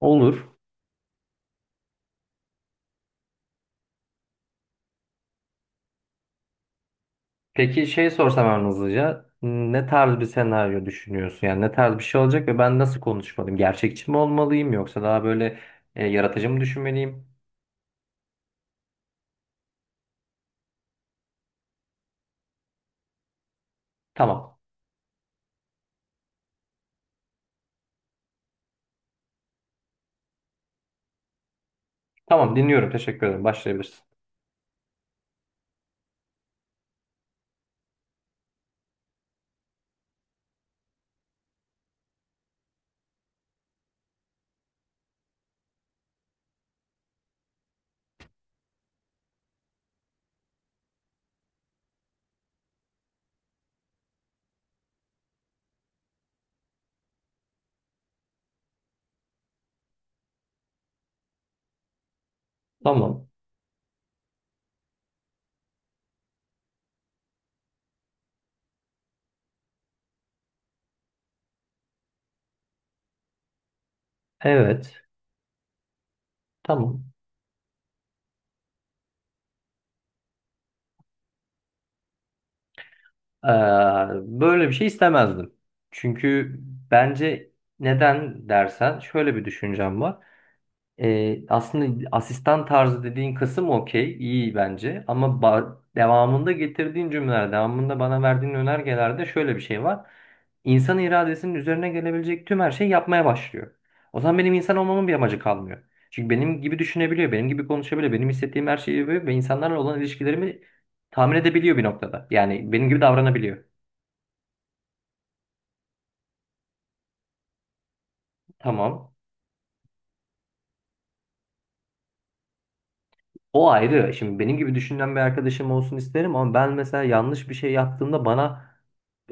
Olur. Peki şey sorsam ben hızlıca ne tarz bir senaryo düşünüyorsun? Yani ne tarz bir şey olacak ve ben nasıl konuşmalıyım? Gerçekçi mi olmalıyım yoksa daha böyle yaratıcı mı düşünmeliyim? Tamam. Tamam, dinliyorum. Teşekkür ederim. Başlayabilirsin. Tamam. Evet. Tamam. Ee, Böyle bir şey istemezdim. Çünkü bence neden dersen şöyle bir düşüncem var. Aslında asistan tarzı dediğin kısım okey, iyi bence. Ama devamında getirdiğin cümleler, devamında bana verdiğin önergelerde şöyle bir şey var. İnsan iradesinin üzerine gelebilecek tüm her şeyi yapmaya başlıyor. O zaman benim insan olmamın bir amacı kalmıyor. Çünkü benim gibi düşünebiliyor, benim gibi konuşabiliyor, benim hissettiğim her şeyi yapıyor ve insanlarla olan ilişkilerimi tahmin edebiliyor bir noktada. Yani benim gibi davranabiliyor. Tamam. O ayrı. Şimdi benim gibi düşünen bir arkadaşım olsun isterim ama ben mesela yanlış bir şey yaptığımda bana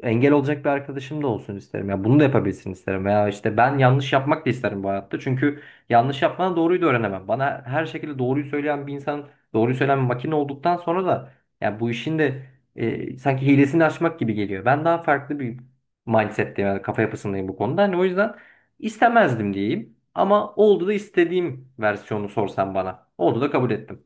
engel olacak bir arkadaşım da olsun isterim. Ya bunu da yapabilsin isterim. Veya işte ben yanlış yapmak da isterim bu hayatta. Çünkü yanlış yapmadan doğruyu da öğrenemem. Bana her şekilde doğruyu söyleyen bir insan, doğruyu söyleyen bir makine olduktan sonra da ya bu işin de sanki hilesini açmak gibi geliyor. Ben daha farklı bir mindset'teyim, yani kafa yapısındayım bu konuda. Hani o yüzden istemezdim diyeyim. Ama oldu da istediğim versiyonu sorsan bana. Oldu da kabul ettim.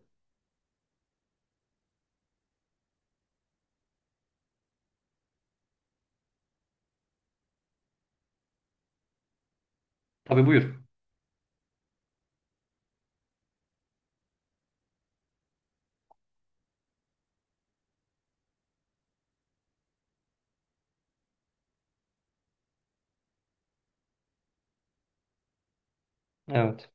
Tabii, buyur. Evet.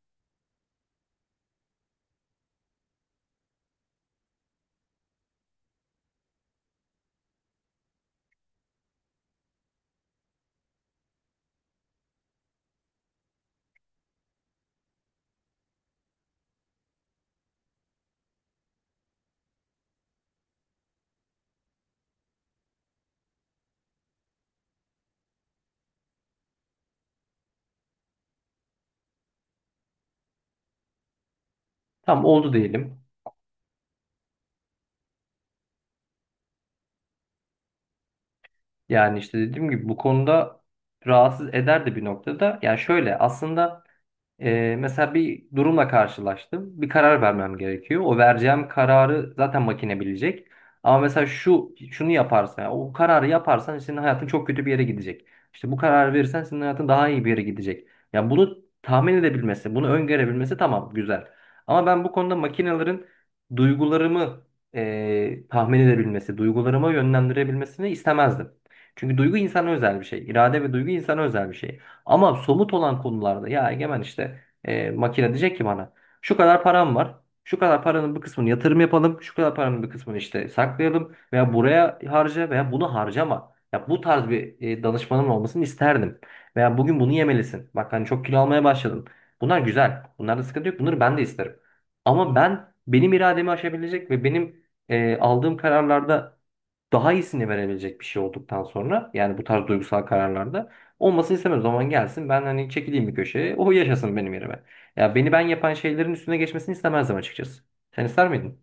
Tamam, oldu diyelim. Yani işte dediğim gibi bu konuda rahatsız eder de bir noktada. Yani şöyle aslında mesela bir durumla karşılaştım. Bir karar vermem gerekiyor. O vereceğim kararı zaten makine bilecek. Ama mesela şu şunu yaparsan, yani o kararı yaparsan senin hayatın çok kötü bir yere gidecek. İşte bu kararı verirsen senin hayatın daha iyi bir yere gidecek. Yani bunu tahmin edebilmesi, bunu öngörebilmesi tamam, güzel. Ama ben bu konuda makinelerin duygularımı tahmin edebilmesi, duygularıma yönlendirebilmesini istemezdim. Çünkü duygu insana özel bir şey. İrade ve duygu insana özel bir şey. Ama somut olan konularda ya Egemen işte makine diyecek ki bana şu kadar param var. Şu kadar paranın bir kısmını yatırım yapalım. Şu kadar paranın bir kısmını işte saklayalım. Veya buraya harca veya bunu harcama. Ya bu tarz bir danışmanım olmasını isterdim. Veya bugün bunu yemelisin. Bak hani çok kilo almaya başladın. Bunlar güzel. Bunlarda sıkıntı yok. Bunları ben de isterim. Ama ben benim irademi aşabilecek ve benim aldığım kararlarda daha iyisini verebilecek bir şey olduktan sonra yani bu tarz duygusal kararlarda olmasını istemem. O zaman gelsin, ben hani çekileyim bir köşeye. O yaşasın benim yerime. Ya beni ben yapan şeylerin üstüne geçmesini istemezdim açıkçası. Sen ister miydin?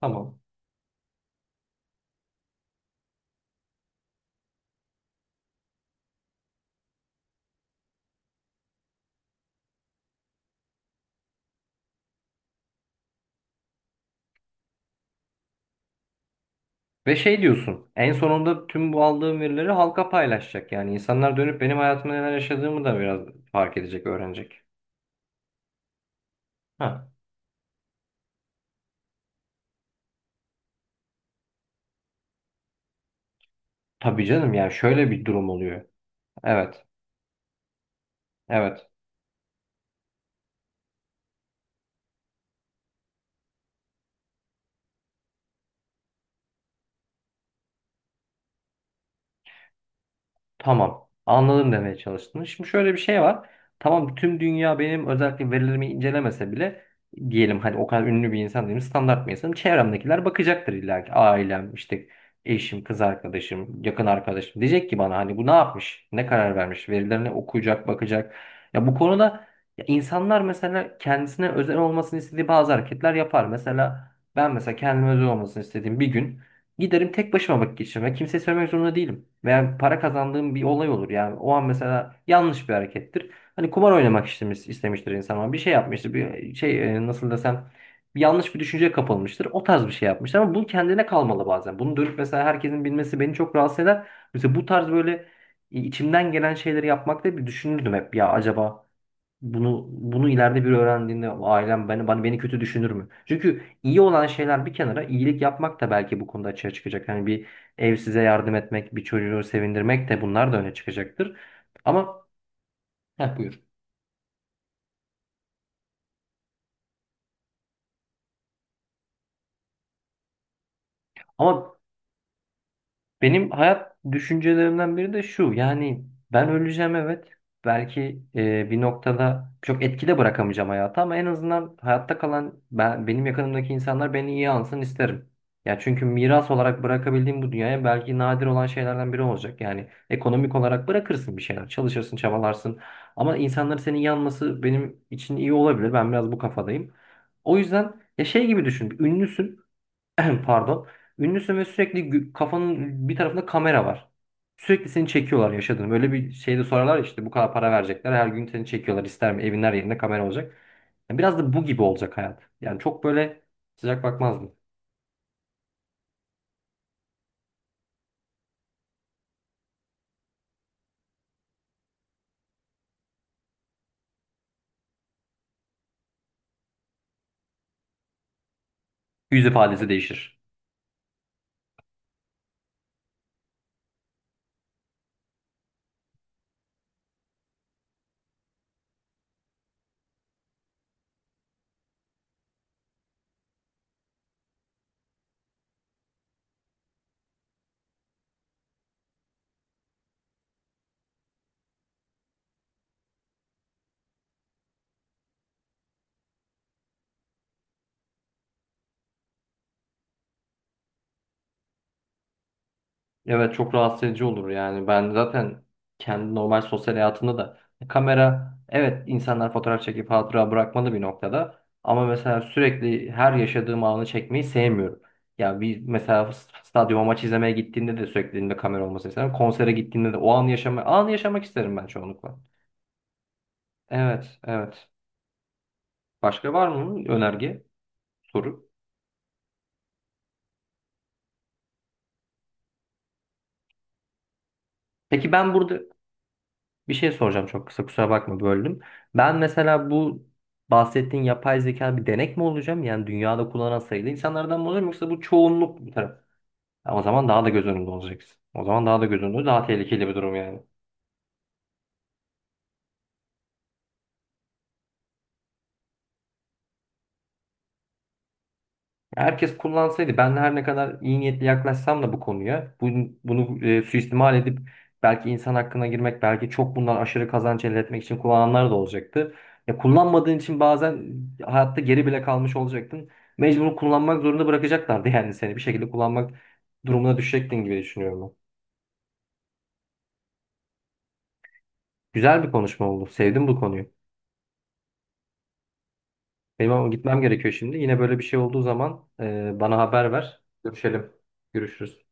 Tamam. Ve şey diyorsun, en sonunda tüm bu aldığım verileri halka paylaşacak. Yani insanlar dönüp benim hayatımda neler yaşadığımı da biraz fark edecek, öğrenecek. Ha. Tabii canım, yani şöyle bir durum oluyor. Evet. Evet. Tamam. Anladım, demeye çalıştın. Şimdi şöyle bir şey var. Tamam, tüm dünya benim özellikle verilerimi incelemese bile diyelim, hani o kadar ünlü bir insan değilim, standart bir insanım. Çevremdekiler bakacaktır illa ki. Ailem işte eşim, kız arkadaşım, yakın arkadaşım diyecek ki bana, hani bu ne yapmış? Ne karar vermiş? Verilerini okuyacak, bakacak. Ya bu konuda ya insanlar mesela kendisine özel olmasını istediği bazı hareketler yapar. Mesela ben mesela kendime özel olmasını istediğim bir gün giderim tek başıma vakit geçirmek. Kimseye söylemek zorunda değilim. Veya para kazandığım bir olay olur. Yani o an mesela yanlış bir harekettir. Hani kumar oynamak istemiştir insan ama bir şey yapmıştır. Bir şey nasıl desem bir yanlış bir düşünceye kapılmıştır. O tarz bir şey yapmıştır ama bu kendine kalmalı bazen. Bunu dönüp mesela herkesin bilmesi beni çok rahatsız eder. Mesela bu tarz böyle içimden gelen şeyleri yapmakta bir düşünürdüm hep ya, acaba bunu ileride bir öğrendiğinde ailem beni kötü düşünür mü? Çünkü iyi olan şeyler bir kenara, iyilik yapmak da belki bu konuda açığa çıkacak. Hani bir ev size yardım etmek, bir çocuğu sevindirmek de, bunlar da öne çıkacaktır. Ama buyur. Ama benim hayat düşüncelerimden biri de şu. Yani ben öleceğim, evet. Belki bir noktada çok etkide bırakamayacağım hayata ama en azından hayatta kalan ben, benim yakınımdaki insanlar beni iyi ansın isterim. Ya çünkü miras olarak bırakabildiğim bu dünyaya belki nadir olan şeylerden biri olacak. Yani ekonomik olarak bırakırsın bir şeyler, çalışırsın, çabalarsın. Ama insanların senin yanması benim için iyi olabilir. Ben biraz bu kafadayım. O yüzden ya şey gibi düşün. Bir ünlüsün. Pardon. Ünlüsün ve sürekli kafanın bir tarafında kamera var. Sürekli seni çekiyorlar yaşadığını. Böyle bir şeyde sorarlar ya, işte bu kadar para verecekler. Her gün seni çekiyorlar. İster mi? Evin her yerinde kamera olacak. Yani biraz da bu gibi olacak hayat. Yani çok böyle sıcak bakmazdım. Yüz ifadesi değişir. Evet, çok rahatsız edici olur yani. Ben zaten kendi normal sosyal hayatımda da kamera, evet insanlar fotoğraf çekip hatıra bırakmalı bir noktada ama mesela sürekli her yaşadığım anı çekmeyi sevmiyorum. Ya bir mesela stadyuma maç izlemeye gittiğinde de sürekli elimde kamera olmasını isterim. Konsere gittiğimde de o anı yaşamak isterim ben çoğunlukla. Evet, evet. Başka var mı önerge, soru? Peki ben burada bir şey soracağım, çok kısa, kusura bakma, böldüm. Ben mesela bu bahsettiğin yapay zeka bir denek mi olacağım? Yani dünyada kullanan sayılı insanlardan mı olacağım yoksa bu çoğunluk bir taraf? Ya o zaman daha da göz önünde olacaksın. O zaman daha da göz önünde, daha tehlikeli bir durum yani. Herkes kullansaydı ben her ne kadar iyi niyetli yaklaşsam da bu konuya bunu suistimal edip belki insan hakkına girmek, belki çok bundan aşırı kazanç elde etmek için kullananlar da olacaktı. Ya kullanmadığın için bazen hayatta geri bile kalmış olacaktın. Mecbur kullanmak zorunda bırakacaklardı yani, seni bir şekilde kullanmak durumuna düşecektin gibi düşünüyorum ben. Güzel bir konuşma oldu. Sevdim bu konuyu. Benim ama gitmem gerekiyor şimdi. Yine böyle bir şey olduğu zaman bana haber ver. Görüşelim. Görüşürüz.